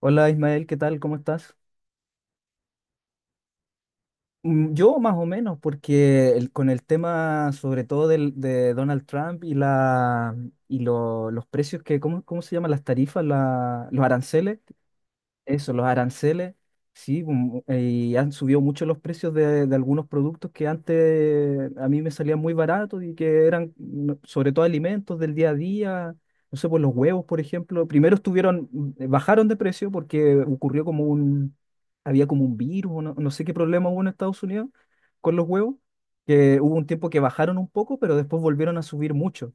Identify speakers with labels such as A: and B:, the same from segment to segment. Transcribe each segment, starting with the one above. A: Hola Ismael, ¿qué tal? ¿Cómo estás? Mm, yo más o menos, porque con el tema sobre todo de Donald Trump y, la, y los precios que, ¿cómo, cómo se llaman las tarifas, los aranceles? Eso, los aranceles, sí, y han subido mucho los precios de algunos productos que antes a mí me salían muy baratos y que eran sobre todo alimentos del día a día, no sé, pues los huevos, por ejemplo, primero estuvieron, bajaron de precio porque ocurrió como había como un virus, o no, no sé qué problema hubo en Estados Unidos con los huevos, que hubo un tiempo que bajaron un poco, pero después volvieron a subir mucho.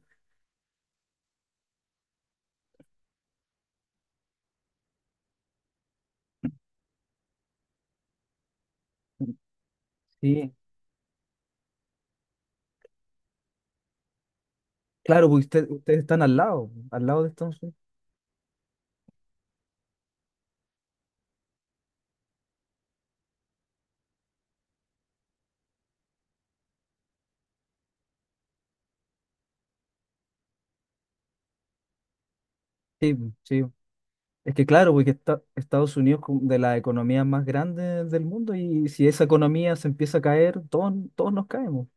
A: Sí, claro, pues ustedes están al lado de Estados Unidos. Sí, sí. Es que claro, porque Estados Unidos es como de las economías más grandes del mundo, y si esa economía se empieza a caer, todos nos caemos.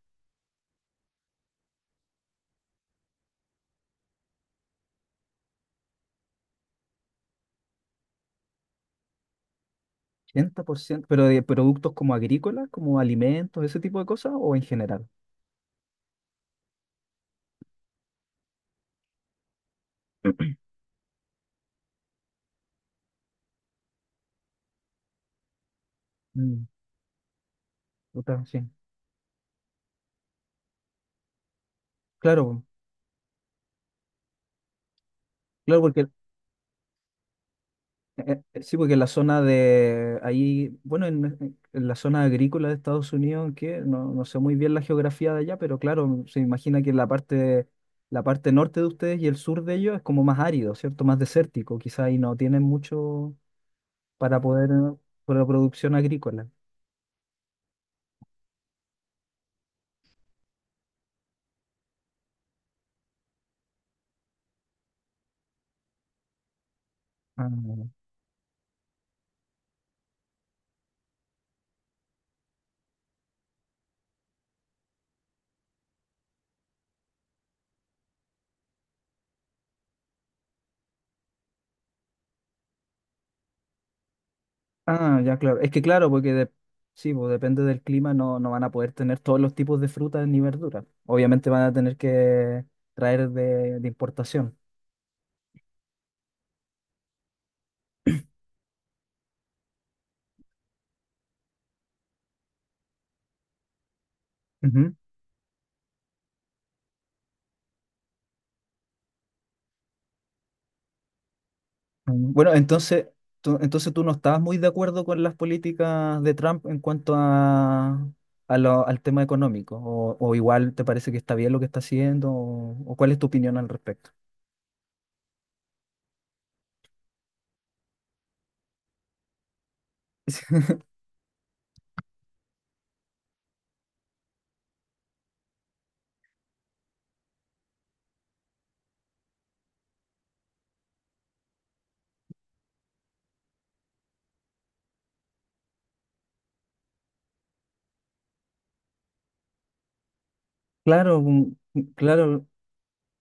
A: 80%, pero de productos como agrícolas, como alimentos, ese tipo de cosas, o en general. Mm, puta, sí. Claro, po. Claro, porque sí, porque en la zona de ahí, bueno, en la zona agrícola de Estados Unidos, que no, no sé muy bien la geografía de allá, pero claro, se imagina que la parte norte de ustedes y el sur de ellos es como más árido, ¿cierto? Más desértico, quizá ahí no tienen mucho para poder, para la producción agrícola. Ah, ah, ya, claro. Es que claro, porque sí, pues depende del clima, no, no van a poder tener todos los tipos de frutas ni verduras. Obviamente van a tener que traer de importación. Ujú. Bueno, entonces, entonces tú no estabas muy de acuerdo con las políticas de Trump en cuanto a, al tema económico, o igual te parece que está bien lo que está haciendo, o cuál es tu opinión al respecto. Claro, mm, mm, claro,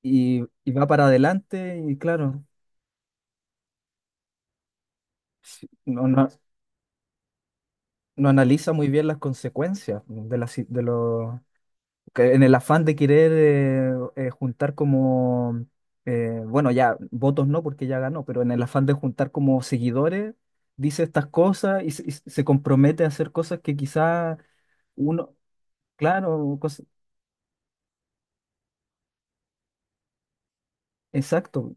A: y va para adelante y claro, sí, no analiza muy bien las consecuencias de, la si- de, lo- que, en el afán de querer juntar como, bueno, ya votos no porque ya ganó, pero en el afán de juntar como seguidores, dice estas cosas y y se compromete a hacer cosas que quizá uno, claro, exacto,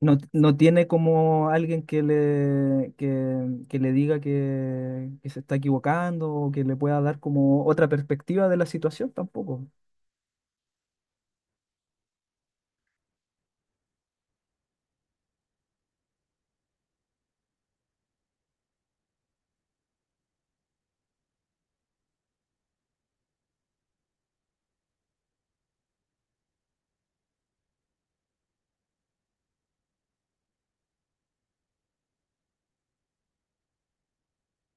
A: no, no tiene como alguien que que le diga que se está equivocando, o que le pueda dar como otra perspectiva de la situación tampoco.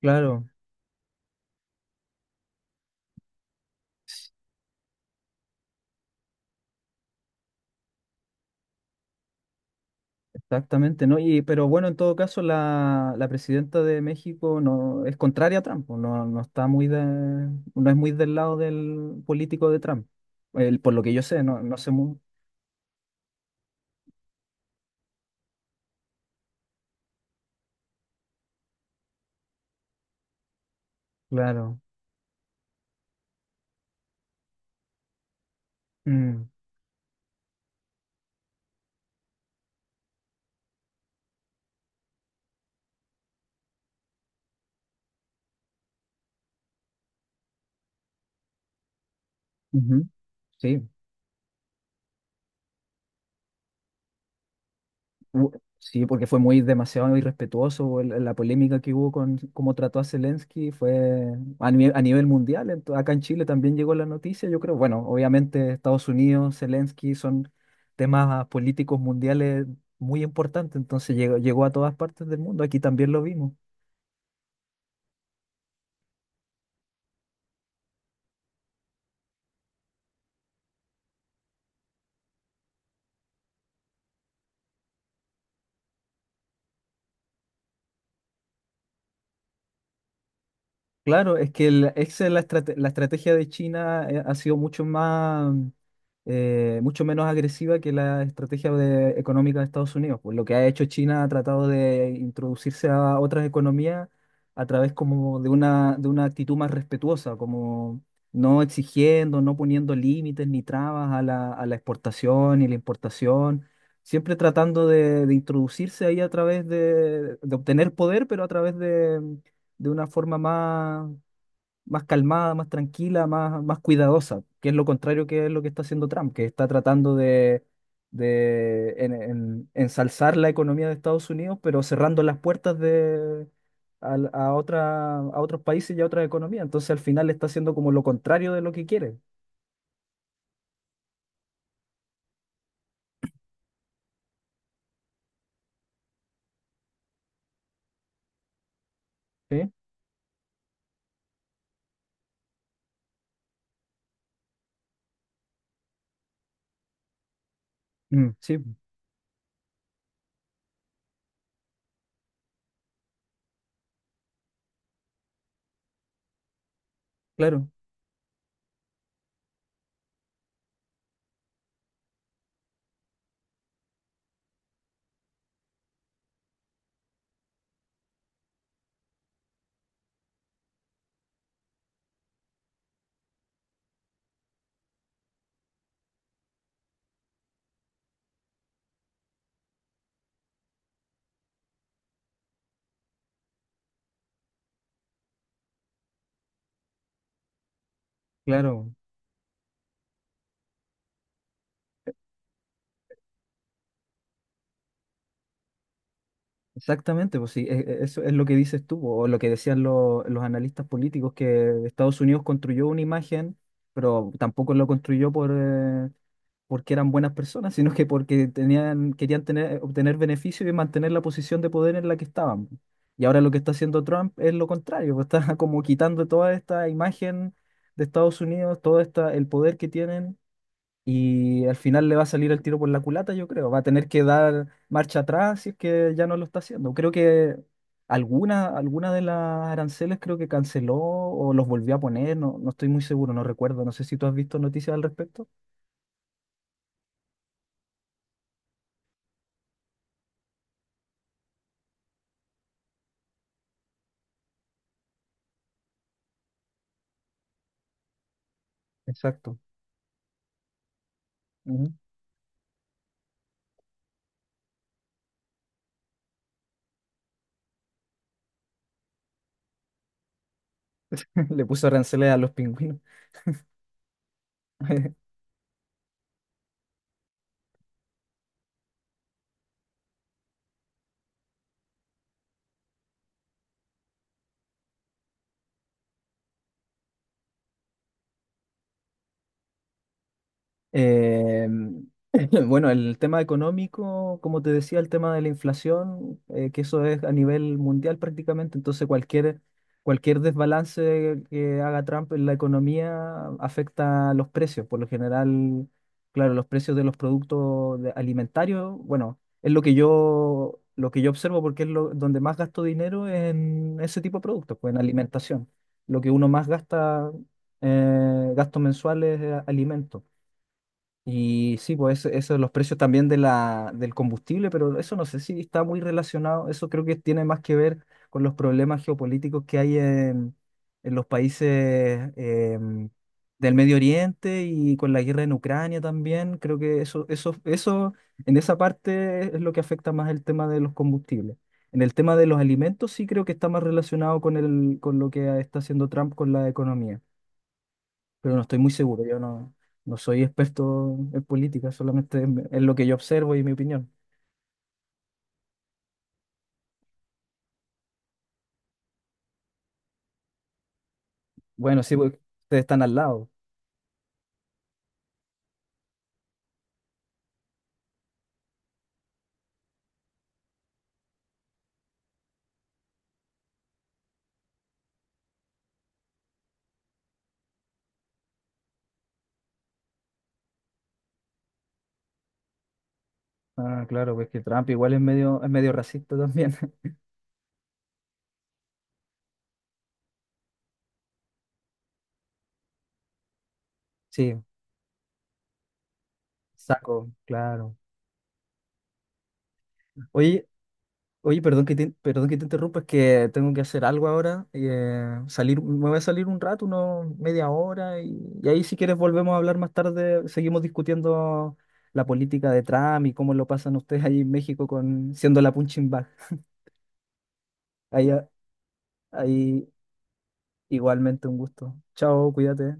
A: Claro. Exactamente, ¿no? Y, pero bueno, en todo caso, la presidenta de México no es contraria a Trump, pues, no, no está muy de, no es muy del lado del político de Trump. Por lo que yo sé, no, no sé muy claro. Mm, ujú, sí. u- sí, porque fue muy demasiado irrespetuoso la polémica que hubo con cómo trató a Zelensky, fue a nivel mundial, acá en Chile también llegó la noticia, yo creo, bueno, obviamente Estados Unidos, Zelensky son temas políticos mundiales muy importantes, entonces llegó, llegó a todas partes del mundo, aquí también lo vimos. Claro, es que el, esa es la, la estrategia de China ha sido mucho más, mucho menos agresiva que la estrategia económica de Estados Unidos. Pues lo que ha hecho China ha tratado de introducirse a otras economías a través como de de una actitud más respetuosa, como no exigiendo, no poniendo límites ni trabas a a la exportación y la importación, siempre tratando de introducirse ahí a través de obtener poder, pero a través de una forma más, más calmada, más tranquila, más, más cuidadosa, que es lo contrario que es lo que está haciendo Trump, que está tratando de ensalzar la economía de Estados Unidos, pero cerrando las puertas de, a otros países y a otras economías. Entonces al final está haciendo como lo contrario de lo que quiere. ¿Sí? Mm, sí, claro, claro. Exactamente, pues sí, eso es lo que dices tú, o lo que decían los analistas políticos, que Estados Unidos construyó una imagen, pero tampoco lo construyó por, porque eran buenas personas, sino que porque tenían, querían tener, obtener beneficio y mantener la posición de poder en la que estaban. Y ahora lo que está haciendo Trump es lo contrario, pues está como quitando toda esta imagen de Estados Unidos, todo esta, el poder que tienen, y al final le va a salir el tiro por la culata, yo creo. Va a tener que dar marcha atrás si es que ya no lo está haciendo. Creo que alguna de las aranceles creo que canceló o los volvió a poner, no, no estoy muy seguro, no recuerdo. No sé si tú has visto noticias al respecto. Exacto. Ujú. Le puso aranceles a los pingüinos. Eh, bueno, el tema económico, como te decía, el tema de la inflación, que eso es a nivel mundial prácticamente, entonces cualquier desbalance que haga Trump en la economía afecta a los precios. Por lo general, claro, los precios de los productos alimentarios, bueno, es lo que yo observo, porque es lo, donde más gasto dinero es en ese tipo de productos, pues en alimentación. Lo que uno más gasta, gastos mensuales, es alimentos. Y sí, pues eso, los precios también de la, del combustible, pero eso no sé si está muy relacionado, eso creo que tiene más que ver con los problemas geopolíticos que hay en los países em, del Medio Oriente, y con la guerra en Ucrania también, creo que eso, en esa parte es lo que afecta más el tema de los combustibles. En el tema de los alimentos sí creo que está más relacionado con el, con lo que está haciendo Trump con la economía, pero no estoy muy seguro. Yo no, no soy experto en política, solamente en lo que yo observo y mi opinión. Bueno, sí, porque ustedes están al lado. Ah, claro, pues que Trump igual es medio racista también. Sí, saco, claro. Oye, oye, perdón que te interrumpa, es que tengo que hacer algo ahora, y, salir, me voy a salir un rato, unos media hora, y ahí si quieres volvemos a hablar más tarde, seguimos discutiendo la política de Trump y cómo lo pasan ustedes ahí en México con siendo la punching bag. Ahí, ahí igualmente un gusto. Chao, cuídate.